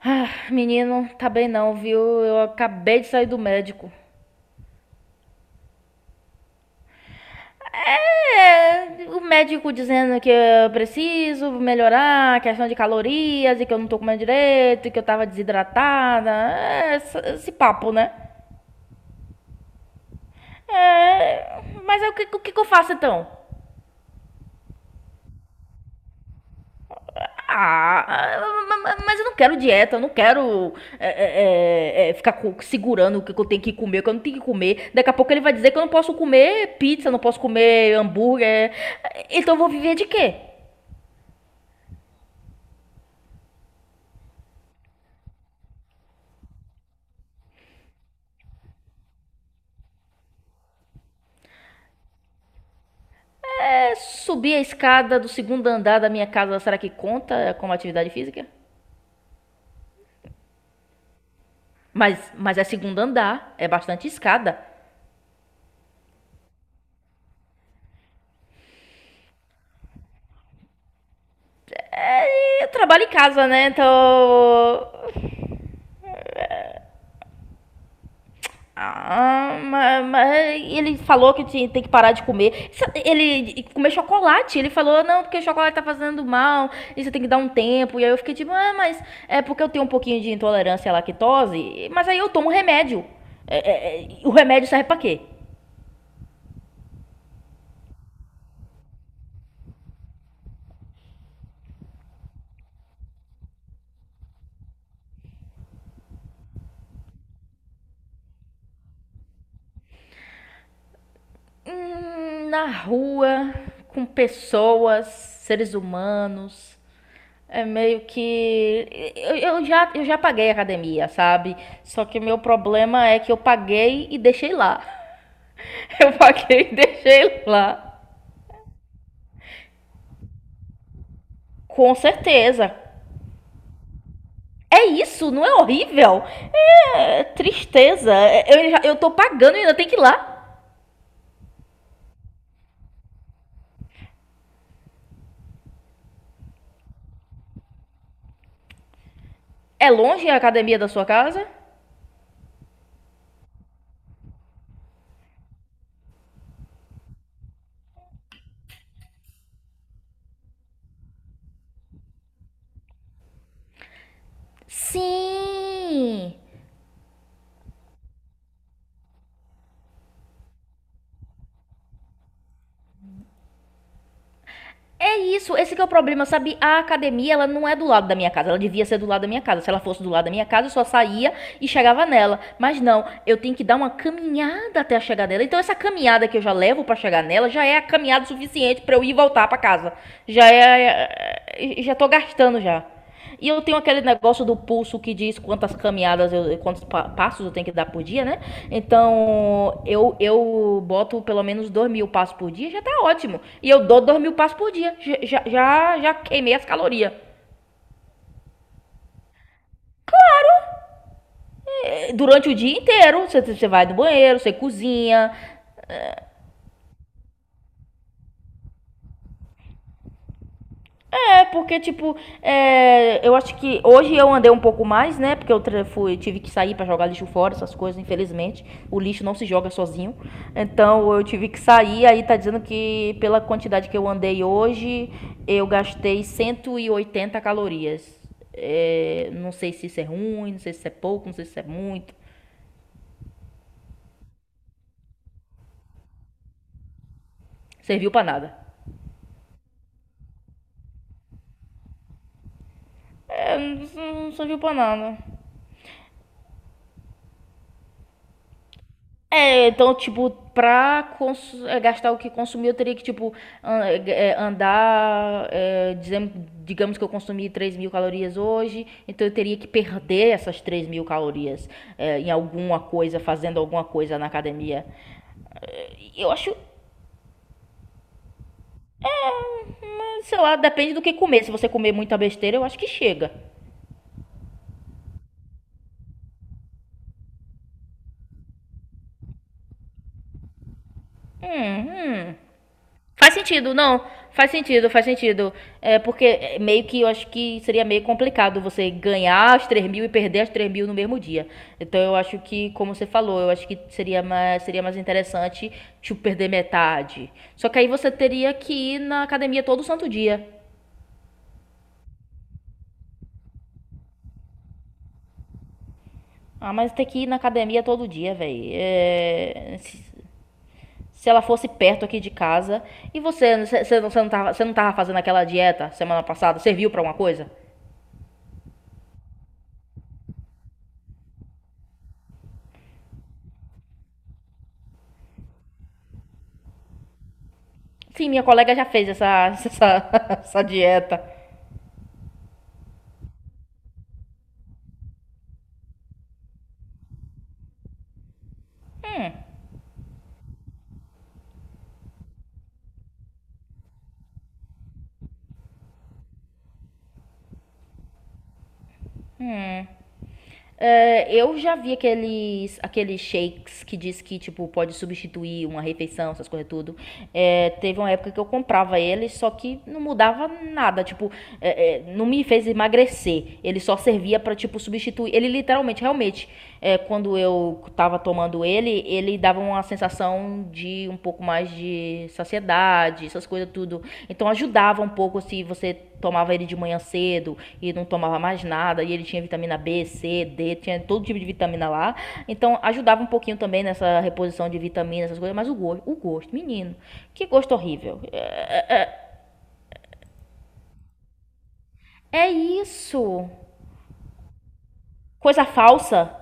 Ah, menino, tá bem não, viu? Eu acabei de sair do médico. É, o médico dizendo que eu preciso melhorar a questão de calorias e que eu não tô comendo direito e que eu tava desidratada. É, esse papo, né? É, mas é o que que eu faço então? Ah, mas eu não quero dieta, eu não quero ficar segurando o que eu tenho que comer, o que eu não tenho que comer. Daqui a pouco ele vai dizer que eu não posso comer pizza, não posso comer hambúrguer. Então eu vou viver de quê? É, subir a escada do segundo andar da minha casa, será que conta como atividade física? Mas é segundo andar, é bastante escada. E eu trabalho em casa, né? Então ah, mas ele falou que tem que parar de comer. Ele comer chocolate. Ele falou, não, porque chocolate tá fazendo mal, e você tem que dar um tempo. E aí eu fiquei tipo, ah, mas é porque eu tenho um pouquinho de intolerância à lactose, mas aí eu tomo um remédio. O remédio serve pra quê? Na rua, com pessoas, seres humanos. É meio que. Eu já paguei a academia, sabe? Só que o meu problema é que eu paguei e deixei lá. Eu paguei e deixei lá. Com certeza. É isso, não é horrível? É tristeza. Eu tô pagando e ainda tem que ir lá. É longe a academia da sua casa? Sim. É isso, esse que é o problema, sabe? A academia, ela não é do lado da minha casa. Ela devia ser do lado da minha casa. Se ela fosse do lado da minha casa, eu só saía e chegava nela. Mas não, eu tenho que dar uma caminhada até chegar nela. Então essa caminhada que eu já levo para chegar nela já é a caminhada suficiente para eu ir e voltar para casa. Já, já tô gastando já. E eu tenho aquele negócio do pulso que diz quantas caminhadas eu, quantos pa passos eu tenho que dar por dia, né? Então eu boto pelo menos 2.000 passos por dia, já tá ótimo. E eu dou 2.000 passos por dia, já queimei as calorias. Durante o dia inteiro, você vai do banheiro, você cozinha. É porque, tipo, eu acho que hoje eu andei um pouco mais, né? Porque eu fui, tive que sair pra jogar lixo fora, essas coisas, infelizmente. O lixo não se joga sozinho. Então eu tive que sair, aí tá dizendo que pela quantidade que eu andei hoje, eu gastei 180 calorias. É, não sei se isso é ruim, não sei se isso é pouco, não sei se isso é muito. Serviu pra nada. É, não, não serviu pra nada. É, então, tipo, gastar o que consumir, eu teria que, tipo, andar. Digamos que eu consumi 3.000 calorias hoje, então eu teria que perder essas 3.000 calorias em alguma coisa, fazendo alguma coisa na academia. Eu acho, sei lá, depende do que comer. Se você comer muita besteira, eu acho que chega. Hum, hum. Faz sentido, não. Faz sentido, faz sentido. É porque é meio que eu acho que seria meio complicado você ganhar as 3.000 e perder as 3.000 no mesmo dia. Então eu acho que, como você falou, eu acho que seria mais interessante tipo perder metade. Só que aí você teria que ir na academia todo santo dia. Ah, mas tem que ir na academia todo dia, velho. Se ela fosse perto aqui de casa. E você, você não tava fazendo aquela dieta semana passada, serviu pra alguma coisa? Sim, minha colega já fez essa, essa dieta. É, eu já vi aqueles, shakes que diz que, tipo, pode substituir uma refeição, essas coisas tudo. É, teve uma época que eu comprava ele, só que não mudava nada, tipo, não me fez emagrecer. Ele só servia pra, tipo, substituir. Ele literalmente, realmente, quando eu estava tomando ele, ele dava uma sensação de um pouco mais de saciedade, essas coisas tudo. Então ajudava um pouco se você tomava ele de manhã cedo e não tomava mais nada, e ele tinha vitamina B, C, D, tinha todo tipo de vitamina lá. Então ajudava um pouquinho também nessa reposição de vitamina, essas coisas, mas o gosto, menino, que gosto horrível. É isso. Coisa falsa.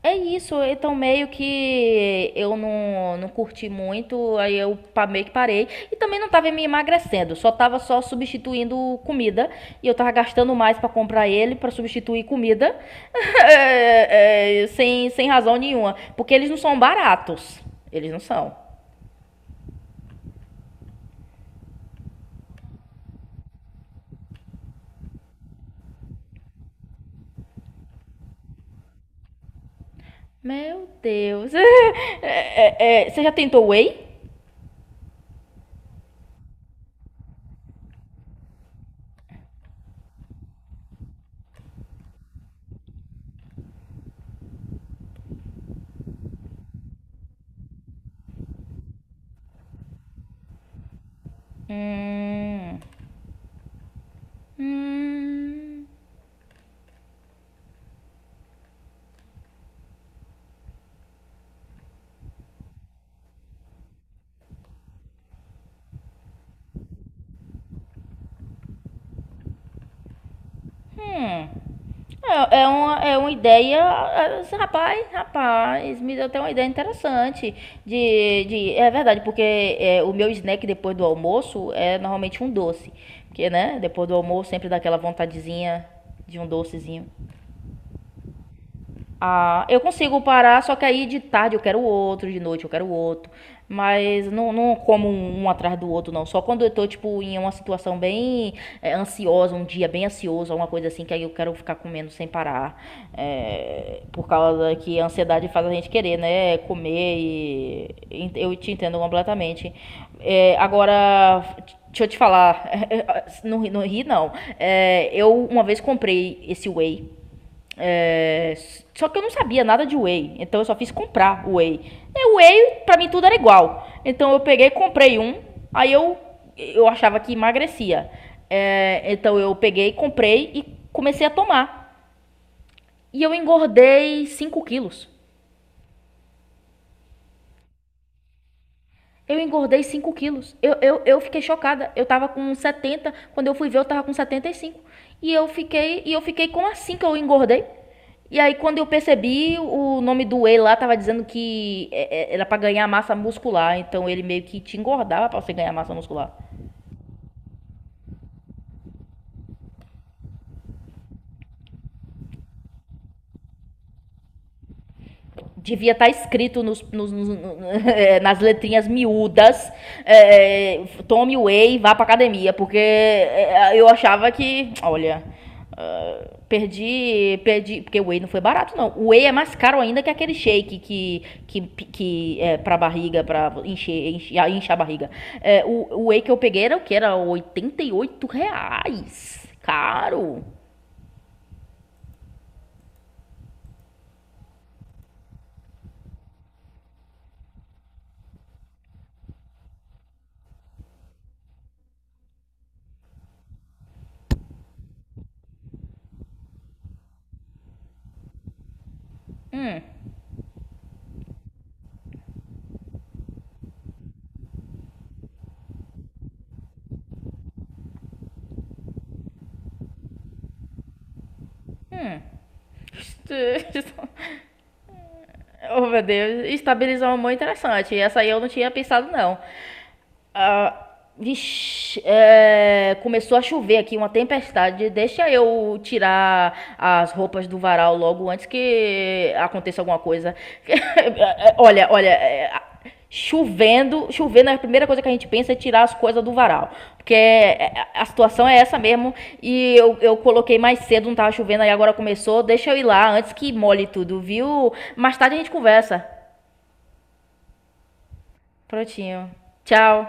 É isso, então meio que eu não curti muito, aí eu meio que parei. E também não tava me emagrecendo, só tava só substituindo comida. E eu tava gastando mais pra comprar ele, pra substituir comida, sem razão nenhuma. Porque eles não são baratos, eles não são. Meu Deus. Você já tentou whey? Hum, hum, hum. É uma ideia, assim, rapaz, rapaz, me deu até uma ideia interessante de é verdade, porque o meu snack depois do almoço é normalmente um doce, porque, né, depois do almoço sempre dá aquela vontadezinha de um docezinho. Ah, eu consigo parar, só que aí de tarde eu quero outro, de noite eu quero outro. Mas não, não como um atrás do outro, não. Só quando eu tô, tipo, em uma situação bem ansiosa, um dia bem ansioso, alguma coisa assim, que aí eu quero ficar comendo sem parar. É, por causa que a ansiedade faz a gente querer, né? Comer e eu te entendo completamente. É, agora, deixa eu te falar. Não, não ri, não. É, eu uma vez comprei esse whey. É, só que eu não sabia nada de whey, então eu só fiz comprar whey. E whey, pra mim, tudo era igual. Então eu peguei, comprei um, aí eu achava que emagrecia. É, então eu peguei, comprei e comecei a tomar. E eu engordei 5 quilos. Eu engordei 5 quilos. Eu fiquei chocada. Eu tava com 70. Quando eu fui ver, eu tava com 75. E eu fiquei como assim que eu engordei? E aí, quando eu percebi, o nome do whey lá tava dizendo que era pra ganhar massa muscular. Então, ele meio que te engordava pra você ganhar massa muscular. Devia estar escrito nos, nas letrinhas miúdas: tome whey e vá pra academia. Porque eu achava que, olha, ah, perdi, perdi. Porque o whey não foi barato, não. O whey é mais caro ainda que aquele shake que, que é pra barriga, pra encher, encher, encher a barriga. É, o whey que eu peguei era o que? Era R$ 88. Caro. Oh, meu Deus, estabilizou uma mão interessante. Essa aí eu não tinha pensado, não. Ah, vixi, começou a chover aqui, uma tempestade. Deixa eu tirar as roupas do varal logo antes que aconteça alguma coisa. Olha, olha, chovendo, chovendo, a primeira coisa que a gente pensa é tirar as coisas do varal. Porque a situação é essa mesmo. E eu coloquei mais cedo, não tava chovendo, aí agora começou. Deixa eu ir lá antes que molhe tudo, viu? Mais tarde a gente conversa. Prontinho. Tchau.